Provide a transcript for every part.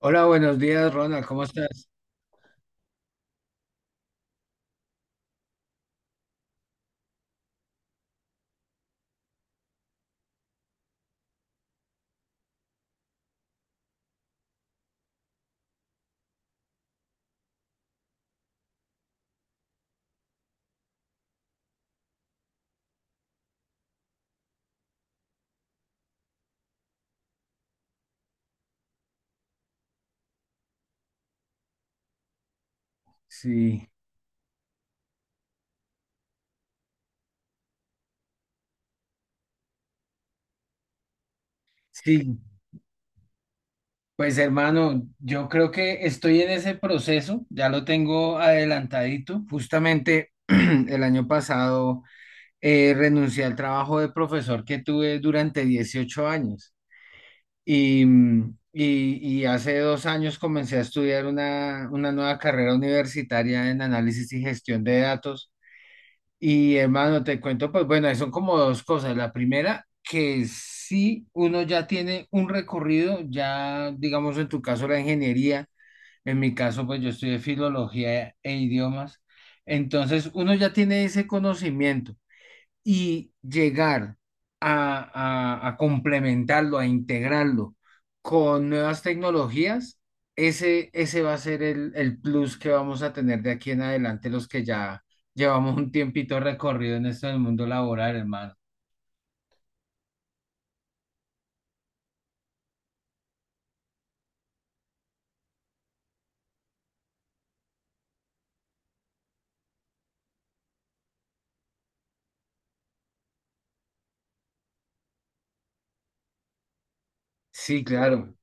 Hola, buenos días, Ronald, ¿cómo estás? Sí, sí, pues hermano, yo creo que estoy en ese proceso, ya lo tengo adelantadito. Justamente el año pasado renuncié al trabajo de profesor que tuve durante 18 años y hace 2 años comencé a estudiar una nueva carrera universitaria en análisis y gestión de datos. Y hermano, te cuento, pues bueno, son como dos cosas. La primera, que si uno ya tiene un recorrido, ya digamos en tu caso la ingeniería, en mi caso pues yo estudié filología e idiomas, entonces uno ya tiene ese conocimiento y llegar a complementarlo, a integrarlo con nuevas tecnologías, ese va a ser el plus que vamos a tener de aquí en adelante los que ya llevamos un tiempito recorrido en esto del mundo laboral, hermano. Sí, claro.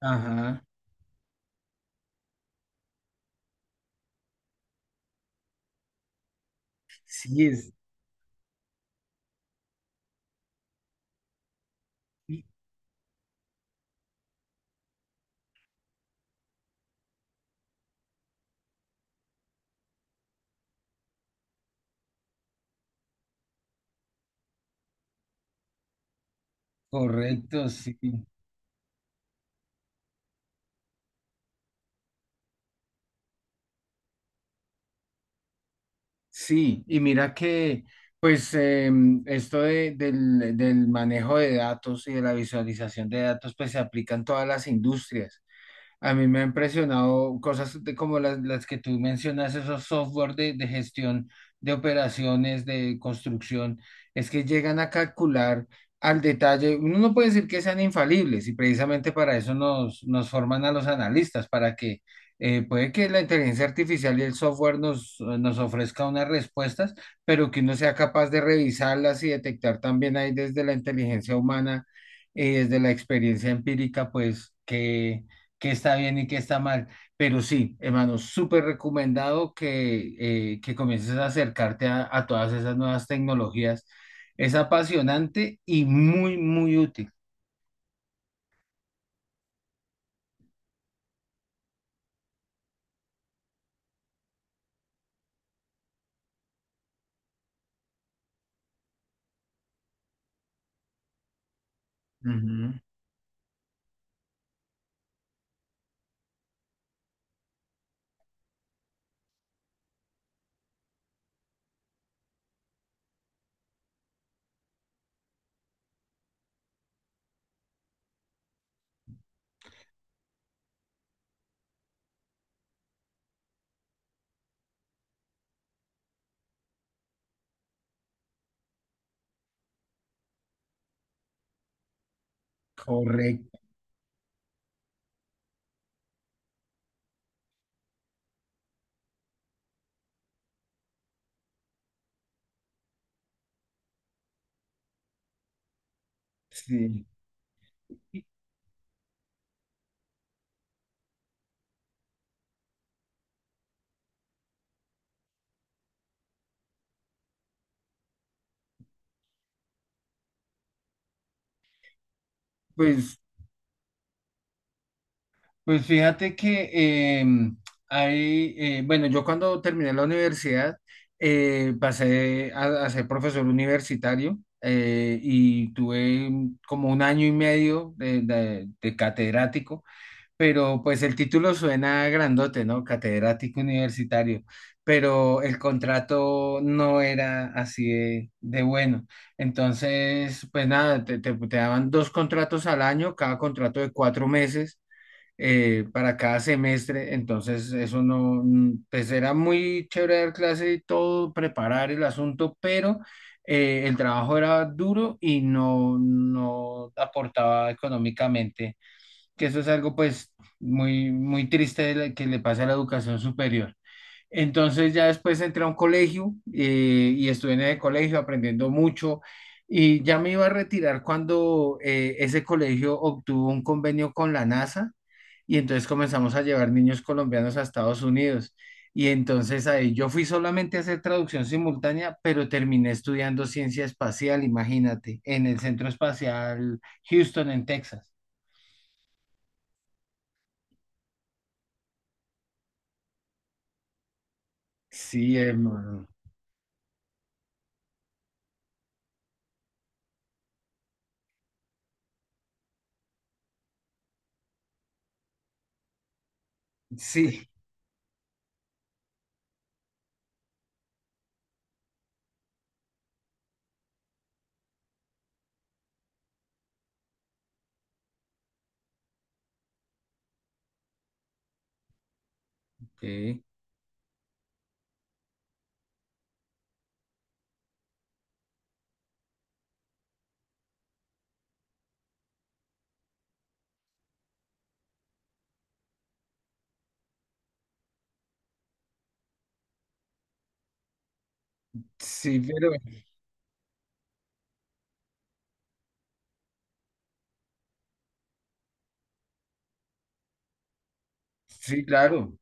Ajá. Sí, es sí, correcto, sí. Sí, y mira que, pues, esto del manejo de datos y de la visualización de datos, pues se aplica en todas las industrias. A mí me ha impresionado cosas de- como las que tú mencionas, esos software de gestión de operaciones, de construcción, es que llegan a calcular al detalle. Uno no puede decir que sean infalibles y precisamente para eso nos forman a los analistas, para que puede que la inteligencia artificial y el software nos ofrezca unas respuestas, pero que uno sea capaz de revisarlas y detectar también ahí desde la inteligencia humana y desde la experiencia empírica, pues que qué está bien y qué está mal. Pero sí, hermano, súper recomendado que comiences a acercarte a todas esas nuevas tecnologías. Es apasionante y muy, muy útil. Ujú. Correcto, sí. Pues, pues fíjate que hay, bueno, yo cuando terminé la universidad pasé a ser profesor universitario y tuve como un año y medio de, de catedrático. Pero pues el título suena grandote, ¿no? Catedrático universitario, pero el contrato no era así de bueno. Entonces, pues nada, te daban dos contratos al año, cada contrato de 4 meses para cada semestre. Entonces, eso no, pues era muy chévere dar clase y todo, preparar el asunto, pero el trabajo era duro y no, no aportaba económicamente, que eso es algo pues muy, muy triste de la- que le pasa a la educación superior. Entonces ya después entré a un colegio y estuve en el colegio aprendiendo mucho y ya me iba a retirar cuando ese colegio obtuvo un convenio con la NASA y entonces comenzamos a llevar niños colombianos a Estados Unidos. Y entonces ahí yo fui solamente a hacer traducción simultánea, pero terminé estudiando ciencia espacial, imagínate, en el Centro Espacial Houston, en Texas. Sí, hermano. Sí. Ok. Sí, pero sí, claro,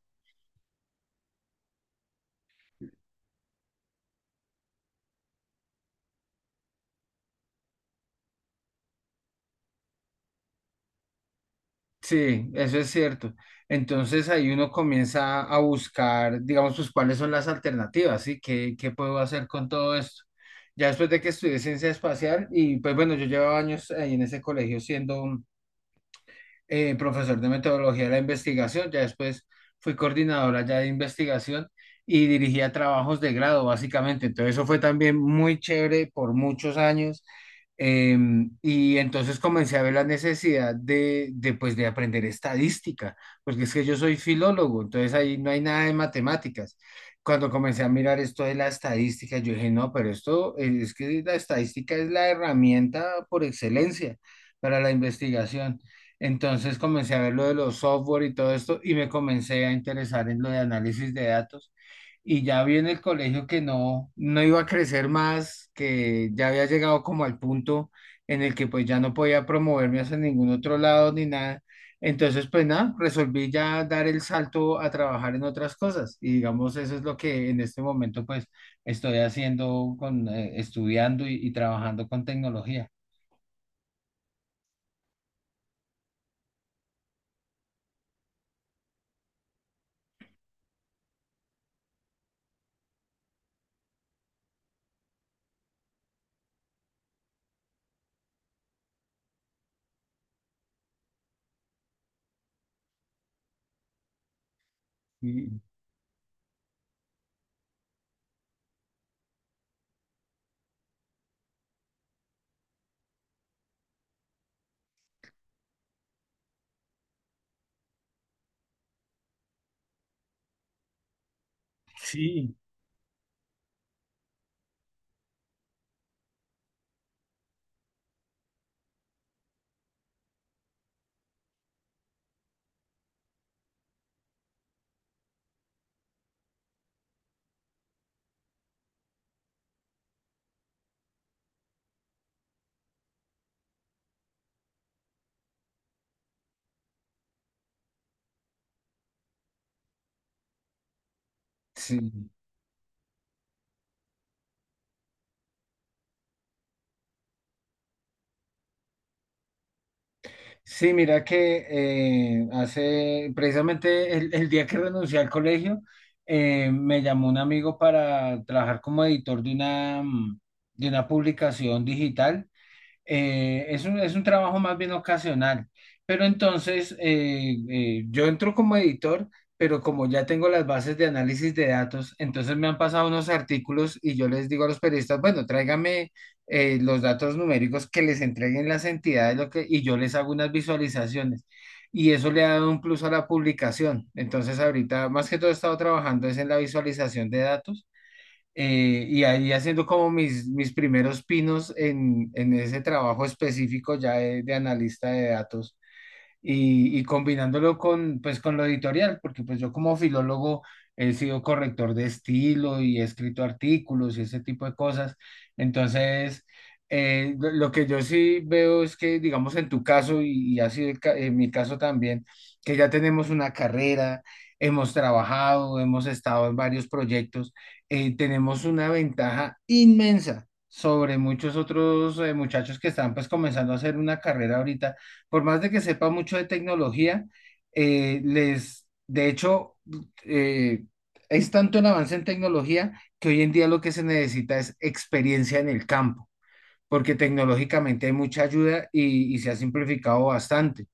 sí, eso es cierto. Entonces ahí uno comienza a buscar, digamos, pues cuáles son las alternativas, ¿sí? ¿Qué, qué puedo hacer con todo esto? Ya después de que estudié ciencia espacial y pues bueno, yo llevaba años ahí en ese colegio siendo profesor de metodología de la investigación, ya después fui coordinadora ya de investigación y dirigía trabajos de grado, básicamente. Entonces eso fue también muy chévere por muchos años. Eh, y entonces comencé a ver la necesidad pues, de aprender estadística, porque es que yo soy filólogo, entonces ahí no hay nada de matemáticas. Cuando comencé a mirar esto de la estadística, yo dije, no, pero esto es que la estadística es la herramienta por excelencia para la investigación. Entonces comencé a ver lo de los software y todo esto y me comencé a interesar en lo de análisis de datos. Y ya vi en el colegio que no, no iba a crecer más, que ya había llegado como al punto en el que pues ya no podía promoverme hacia ningún otro lado ni nada. Entonces pues nada, resolví ya dar el salto a trabajar en otras cosas. Y digamos, eso es lo que en este momento pues estoy haciendo con, estudiando y trabajando con tecnología. Mm. Sí. Sí. Sí, mira que hace precisamente el día que renuncié al colegio, me llamó un amigo para trabajar como editor de una, de una publicación digital. Es un, es un trabajo más bien ocasional. Pero entonces yo entro como editor, pero como ya tengo las bases de análisis de datos, entonces me han pasado unos artículos y yo les digo a los periodistas, bueno, tráigame los datos numéricos que les entreguen las entidades lo que, y yo les hago unas visualizaciones. Y eso le ha dado un plus a la publicación. Entonces ahorita más que todo he estado trabajando es en la visualización de datos, y ahí haciendo como mis primeros pinos en ese trabajo específico ya de analista de datos y combinándolo con, pues, con lo editorial, porque pues yo como filólogo he sido corrector de estilo y he escrito artículos y ese tipo de cosas. Entonces, lo que yo sí veo es que, digamos, en tu caso y ha sido el ca- en mi caso también, que ya tenemos una carrera, hemos trabajado, hemos estado en varios proyectos, tenemos una ventaja inmensa sobre muchos otros muchachos que están pues comenzando a hacer una carrera ahorita. Por más de que sepa mucho de tecnología, de hecho, eh, es tanto el avance en tecnología que hoy en día lo que se necesita es experiencia en el campo, porque tecnológicamente hay mucha ayuda y se ha simplificado bastante.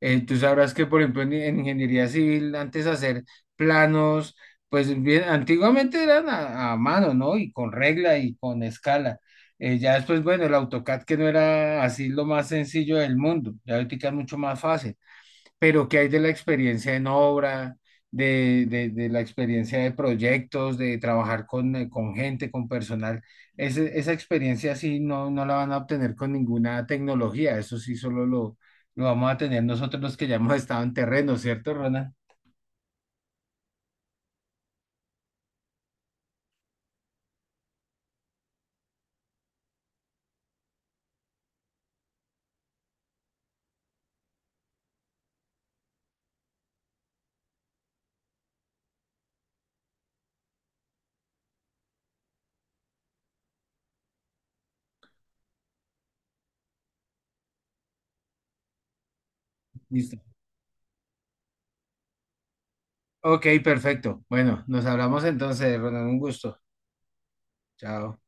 Tú sabrás que, por ejemplo, en ingeniería civil, antes hacer planos, pues bien, antiguamente eran a mano, ¿no? Y con regla y con escala. Ya después, bueno, el AutoCAD que no era así lo más sencillo del mundo, ya ahorita es mucho más fácil. Pero ¿qué hay de la experiencia en obra, de, de la experiencia de proyectos, de trabajar con gente, con personal? Esa experiencia sí no, no la van a obtener con ninguna tecnología, eso sí solo lo vamos a tener nosotros los que ya hemos estado en terreno, ¿cierto, Ronald? Listo. Ok, perfecto. Bueno, nos hablamos entonces, Ronald, un gusto. Chao.